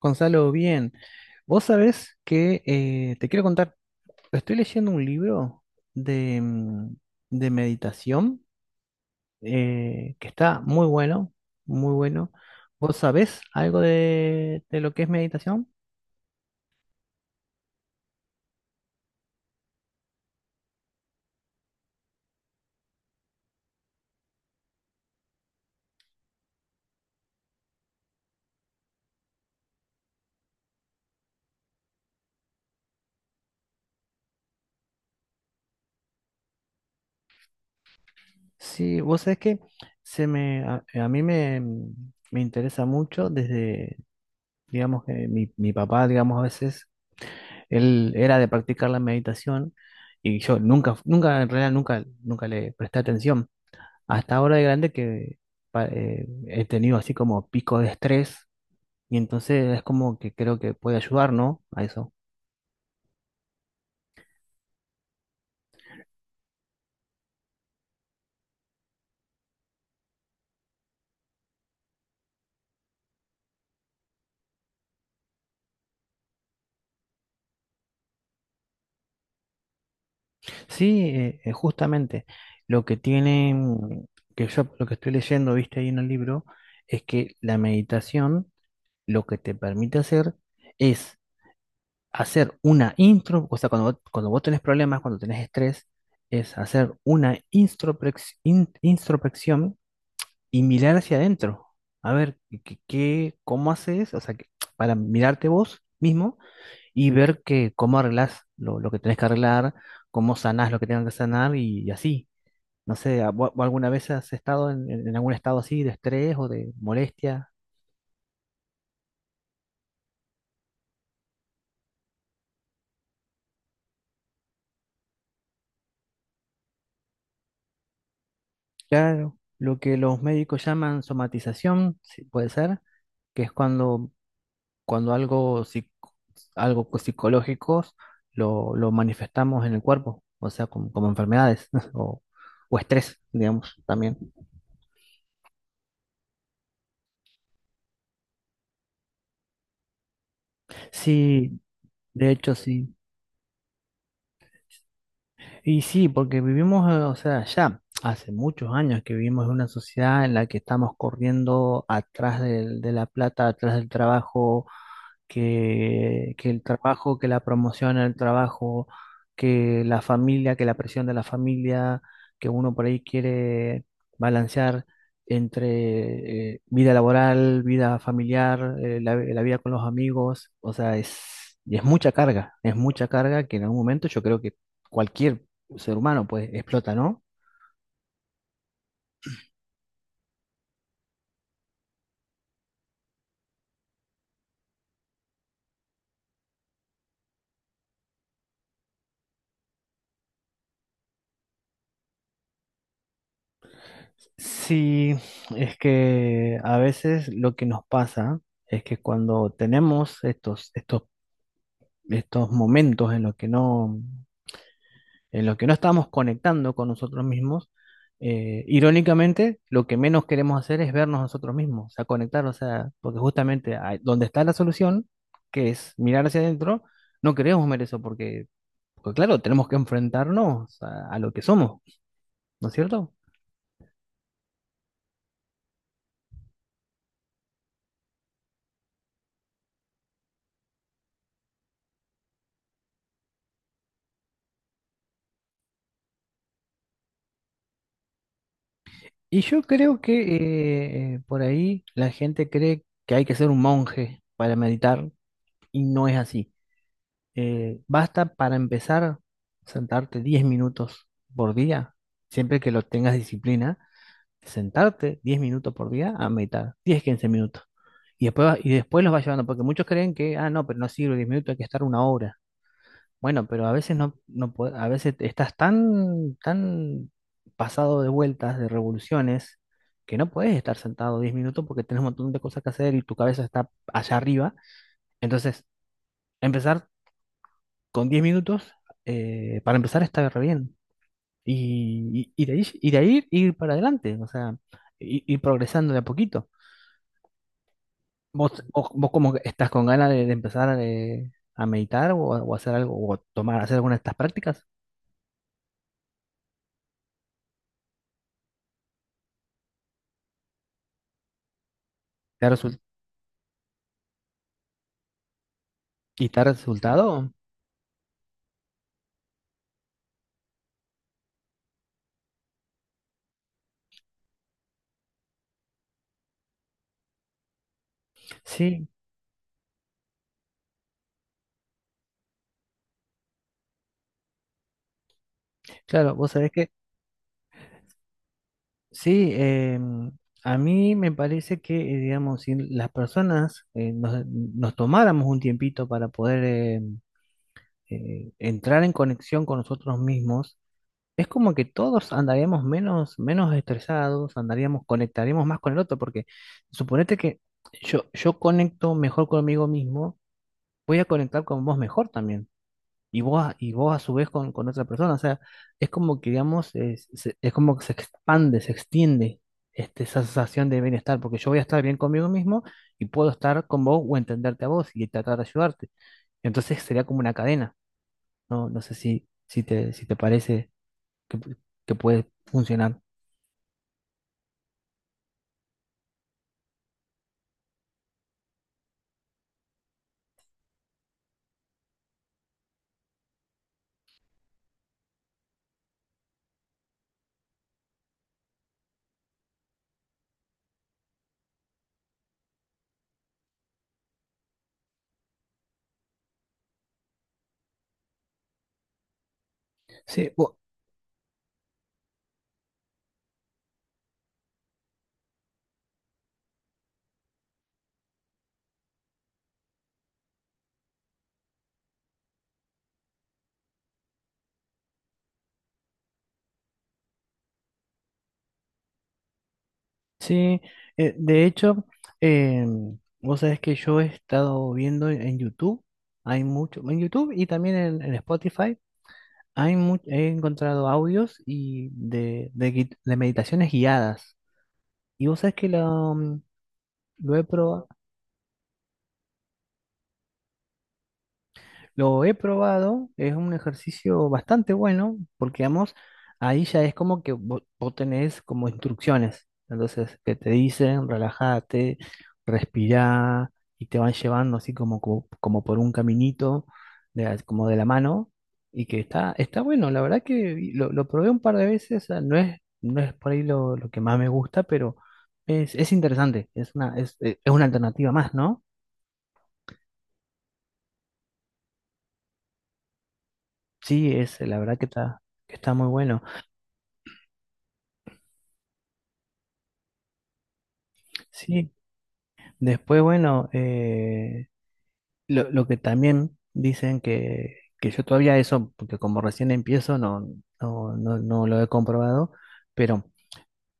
Gonzalo, bien. Vos sabés que te quiero contar, estoy leyendo un libro de de meditación que está muy bueno, muy bueno. ¿Vos sabés algo de lo que es meditación? Sí, vos sabés que se me, a mí me, mm, me interesa mucho desde, digamos que mi papá, digamos, a veces, él era de practicar la meditación y yo nunca, nunca, en realidad nunca le presté atención. Hasta ahora de grande que he tenido así como pico de estrés y entonces es como que creo que puede ayudar, ¿no? A eso. Sí, justamente lo que tiene, que yo lo que estoy leyendo, viste ahí en el libro, es que la meditación lo que te permite hacer es hacer una intro, o sea, cuando vos tenés problemas, cuando tenés estrés, es hacer una introspección y mirar hacia adentro. A ver, ¿cómo haces? O sea, para mirarte vos mismo y ver que, cómo arreglás lo que tenés que arreglar, cómo sanás lo que tengas que sanar y así. No sé, ¿alguna vez has estado en algún estado así de estrés o de molestia? Claro, lo que los médicos llaman somatización, sí, puede ser, que es cuando algo, algo psicológicos lo manifestamos en el cuerpo, o sea, como enfermedades o, o estrés, digamos, también. Sí, de hecho sí. Y sí, porque vivimos, o sea, ya hace muchos años que vivimos en una sociedad en la que estamos corriendo de la plata, atrás del trabajo que el trabajo, que la promoción al trabajo, que la familia, que la presión de la familia, que uno por ahí quiere balancear entre vida laboral, vida familiar, la vida con los amigos, o sea, y es mucha carga que en algún momento yo creo que cualquier ser humano pues explota, ¿no? Sí, es que a veces lo que nos pasa es que cuando tenemos estos estos momentos en los que no, en los que no estamos conectando con nosotros mismos, irónicamente, lo que menos queremos hacer es vernos nosotros mismos, o sea, conectar, o sea, porque justamente donde está la solución, que es mirar hacia adentro, no queremos ver eso, porque, claro, tenemos que enfrentarnos a lo que somos, ¿no es cierto? Y yo creo que por ahí la gente cree que hay que ser un monje para meditar, y no es así. Basta para empezar sentarte 10 minutos por día, siempre que lo tengas disciplina, sentarte 10 minutos por día a meditar, 10 15 minutos. Y después, y después los vas llevando, porque muchos creen que, ah, no, pero no sirve 10 minutos, hay que estar una hora. Bueno, pero a veces no, a veces estás tan pasado de vueltas, de revoluciones, que no puedes estar sentado 10 minutos porque tenés un montón de cosas que hacer y tu cabeza está allá arriba. Entonces, empezar con 10 minutos, para empezar, está re bien. Y de ahí, y de ahí ir para adelante, o sea, ir, progresando de a poquito. ¿Vos como que estás con ganas de empezar a meditar o hacer algo, o tomar, hacer alguna de estas prácticas? ¿Te ha resul- ¿Y te ha resultado? Sí, claro, vos sabés que sí, a mí me parece que, digamos, si las personas nos tomáramos un tiempito para poder entrar en conexión con nosotros mismos. Es como que todos andaríamos menos estresados, andaríamos, conectaríamos más con el otro, porque suponete que yo conecto mejor conmigo mismo, voy a conectar con vos mejor también, y vos, y vos a su vez con otra persona, o sea, es como que, digamos, es como que se expande, se extiende esa sensación de bienestar, porque yo voy a estar bien conmigo mismo y puedo estar con vos o entenderte a vos y tratar de ayudarte. Entonces sería como una cadena, ¿no? No sé si te parece que, pu- que puede funcionar. Sí, sí, de hecho, eh, vos sabés que yo he estado viendo en YouTube, hay mucho, en YouTube y también en Spotify, he encontrado audios de meditaciones guiadas. Y vos sabés que lo, lo he probado. Lo he probado, es un ejercicio bastante bueno, porque vamos, ahí ya es como que vos, tenés como instrucciones, entonces que te dicen, relájate, respirá, y te van llevando así como por un caminito, como de la mano, y que está, está bueno, la verdad que lo probé un par de veces, o no es, no es por ahí lo que más me gusta, pero es interesante, es una alternativa más, ¿no? Sí, es, la verdad que está muy bueno. Sí, después, bueno, lo que también dicen que yo todavía eso, porque como recién empiezo, no lo he comprobado, pero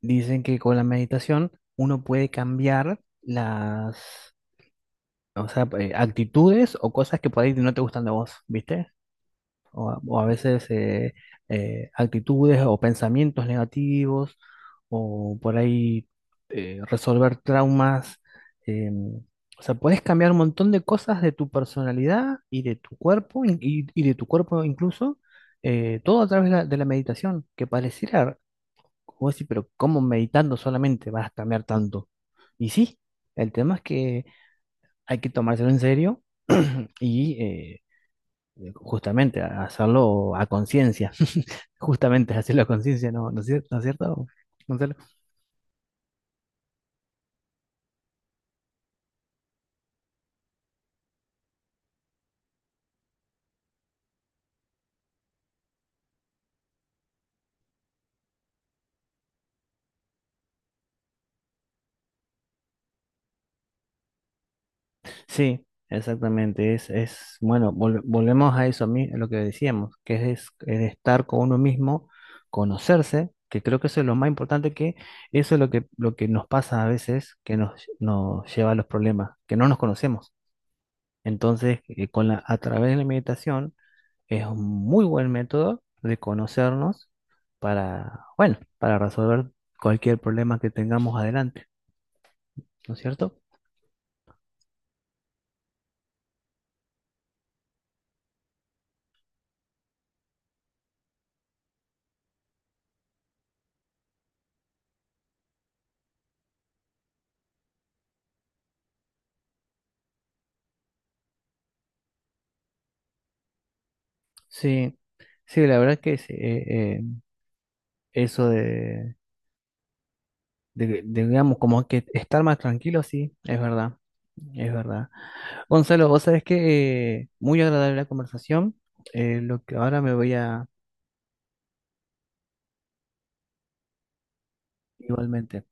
dicen que con la meditación uno puede cambiar las, o sea, actitudes o cosas que por ahí no te gustan de vos, ¿viste? O a veces actitudes o pensamientos negativos, o por ahí resolver traumas. em, o sea, puedes cambiar un montón de cosas de tu personalidad y de tu cuerpo, y de tu cuerpo incluso, todo a través de la meditación, que pareciera, como decir, pero ¿cómo meditando solamente vas a cambiar tanto? Y sí, el tema es que hay que tomárselo en serio y justamente hacerlo a conciencia. Justamente es hacer la conciencia, ¿no? No es cierto, Gonzalo? Sí, exactamente. Es bueno, volvemos a eso, a mí, a lo que decíamos, que es estar con uno mismo, conocerse, que creo que eso es lo más importante, que eso es lo que nos pasa a veces, que nos, nos lleva a los problemas, que no nos conocemos. Entonces, con la, a través de la meditación es un muy buen método de conocernos para, bueno, para resolver cualquier problema que tengamos adelante, ¿no es cierto? Sí, sí, la verdad que sí, eso de, digamos, como que estar más tranquilo, sí, es verdad, es verdad. Gonzalo, vos sabés que muy agradable la conversación, lo que ahora me voy a, igualmente,